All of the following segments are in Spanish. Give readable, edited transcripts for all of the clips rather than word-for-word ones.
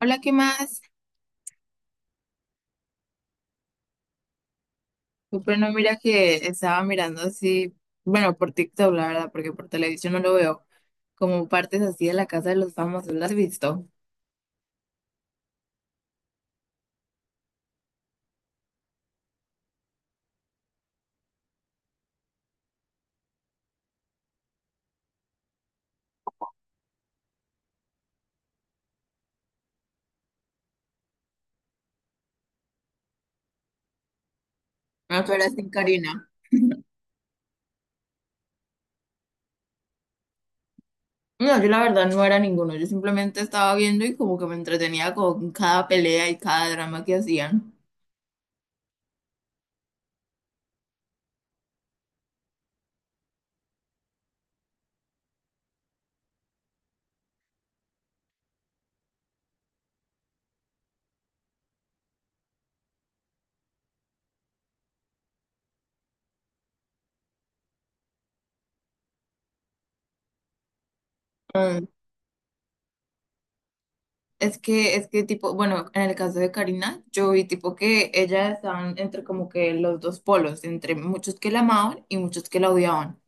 Hola, ¿qué más? Pero no, mira que estaba mirando así, bueno, por TikTok, la verdad, porque por televisión no lo veo, como partes así de la casa de los famosos, ¿las has visto? No, tú eras sin Karina. No, yo la verdad no era ninguno, yo simplemente estaba viendo y como que me entretenía con cada pelea y cada drama que hacían. Mm, es que tipo, bueno, en el caso de Karina, yo vi tipo que ellas estaban entre como que los dos polos, entre muchos que la amaban y muchos que la odiaban.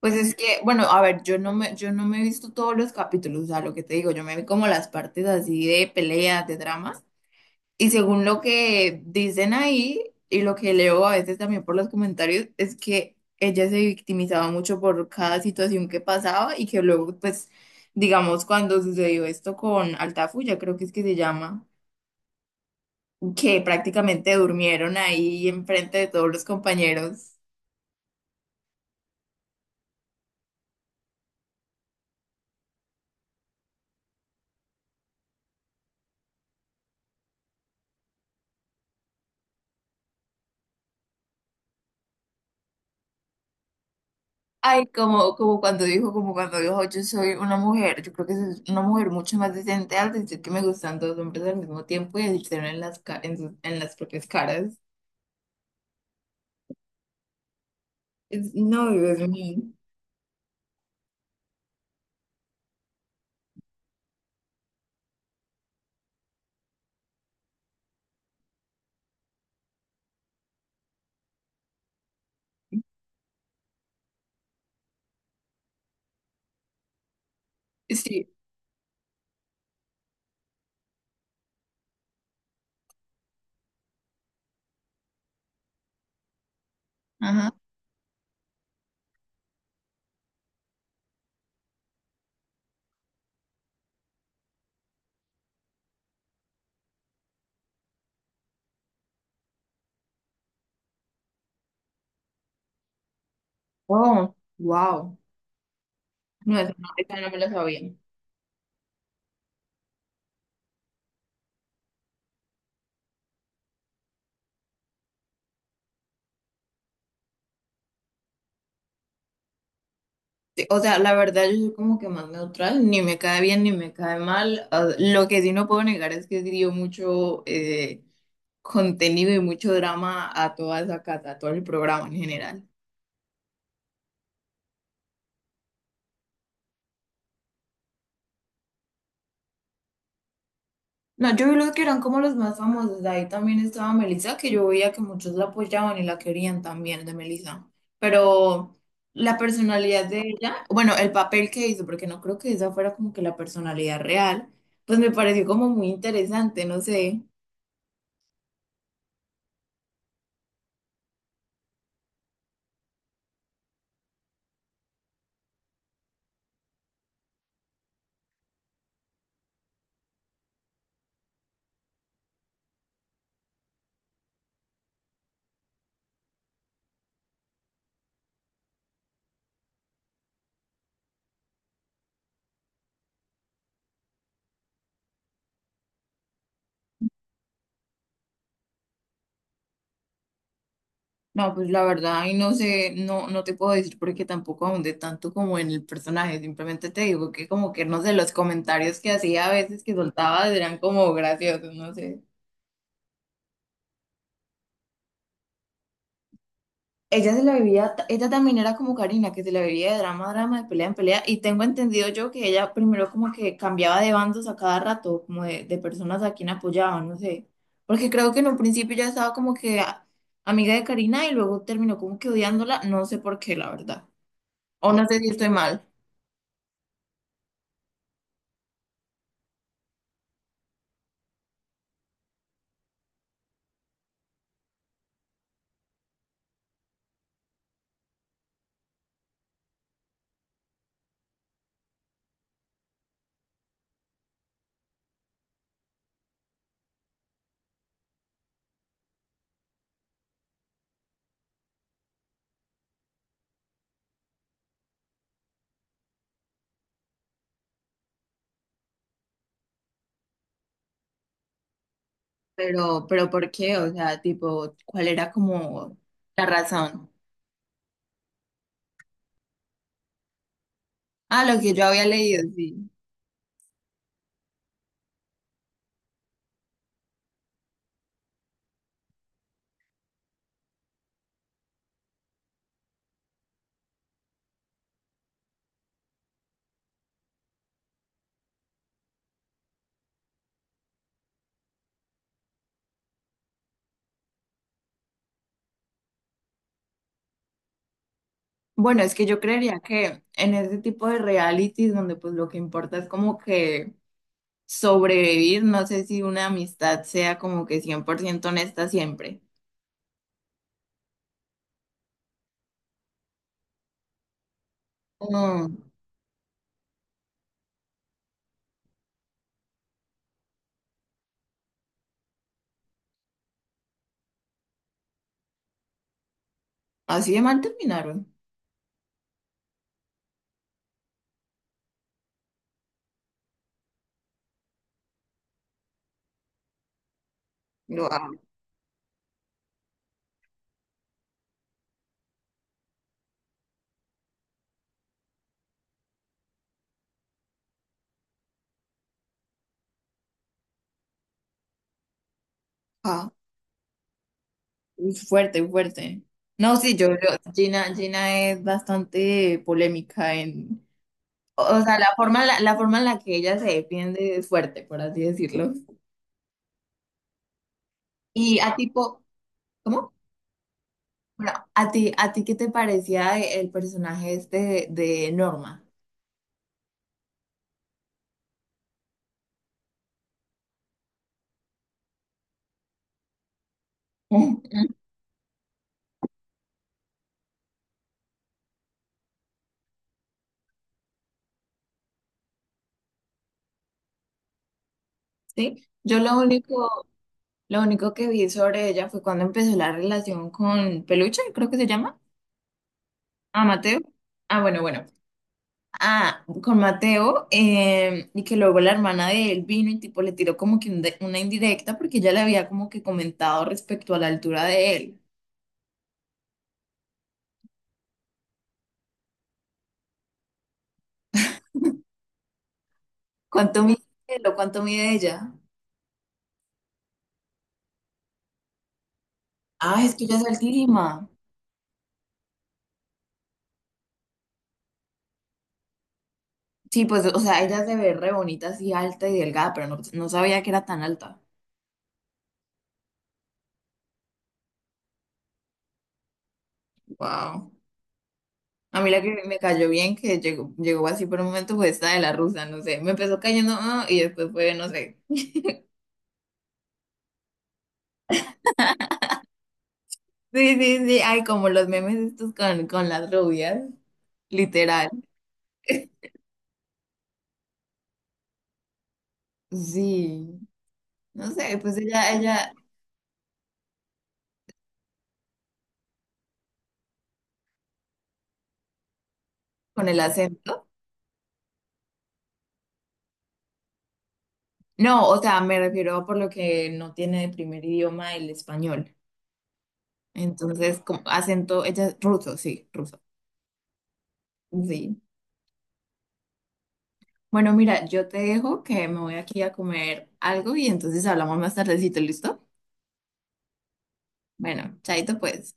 Pues es que, bueno, a ver, yo no me he visto todos los capítulos, o sea, lo que te digo, yo me vi como las partes así de peleas, de dramas, y según lo que dicen ahí y lo que leo a veces también por los comentarios, es que ella se victimizaba mucho por cada situación que pasaba y que luego, pues, digamos, cuando sucedió esto con Altafulla, creo que es que se llama, que prácticamente durmieron ahí enfrente de todos los compañeros. Ay, como cuando dijo, yo soy una mujer, yo creo que es una mujer mucho más decente al decir que me gustan dos hombres al mismo tiempo y decirlo en las, en las propias caras. Es- no, Dios mío. Sí. Ajá. Oh, wow. No, esa no me la sabía. Sí, o sea, la verdad yo soy como que más neutral, ni me cae bien ni me cae mal. Ah, lo que sí no puedo negar es que sí dio mucho contenido y mucho drama a toda esa casa, a todo el programa en general. No, yo vi los que eran como los más famosos. De ahí también estaba Melissa, que yo veía que muchos la apoyaban y la querían también de Melissa. Pero la personalidad de ella, bueno, el papel que hizo, porque no creo que esa fuera como que la personalidad real, pues me pareció como muy interesante, no sé. No, pues la verdad, y no sé, no, no te puedo decir porque tampoco ahondé tanto como en el personaje. Simplemente te digo que como que no sé, los comentarios que hacía a veces que soltaba eran como graciosos, no sé. Ella se la vivía, ella también era como Karina, que se la vivía de drama a drama, de pelea en pelea, y tengo entendido yo que ella primero como que cambiaba de bandos a cada rato, como de personas a quien apoyaba, no sé, porque creo que en un principio ya estaba como que a- amiga de Karina y luego terminó como que odiándola, no sé por qué, la verdad, o no sé si estoy mal, pero, ¿pero por qué? O sea, tipo, ¿cuál era como la razón? Ah, lo que yo había leído, sí. Bueno, es que yo creería que en ese tipo de realities donde pues lo que importa es como que sobrevivir, no sé si una amistad sea como que 100% honesta siempre. Mm, así de mal terminaron. Yo, ah, ah, uy, fuerte, fuerte. No, sí, Gina, Gina es bastante polémica en, o sea, la forma en la que ella se defiende es fuerte, por así decirlo. Y a tipo, ¿cómo? Bueno, a ti qué te parecía el personaje este de Norma? ¿Sí? Lo único que vi sobre ella fue cuando empezó la relación con Peluche, creo que se llama. A Mateo. Ah, bueno. Ah, con Mateo, y que luego la hermana de él vino y tipo le tiró como que una indirecta porque ella le había como que comentado respecto a la altura de él. ¿Cuánto mide él o cuánto mide ella? Ah, es que ella es altísima. Sí, pues, o sea, ella se ve re bonita, así alta y delgada, pero no, no sabía que era tan alta. Wow. A mí la que me cayó bien, que llegó, llegó así por un momento, fue esta de la rusa, no sé. Me empezó cayendo, ah, y después fue, no sé. Sí, sí, sí. Ay, como los memes estos con las rubias, literal. Sí. No sé, con el acento. No, o sea, me refiero a por lo que no tiene de primer idioma el español. Entonces, como acento, ella es ruso, sí, ruso. Sí. Bueno, mira, yo te dejo que me voy aquí a comer algo y entonces hablamos más tardecito, ¿listo? Bueno, chaito pues.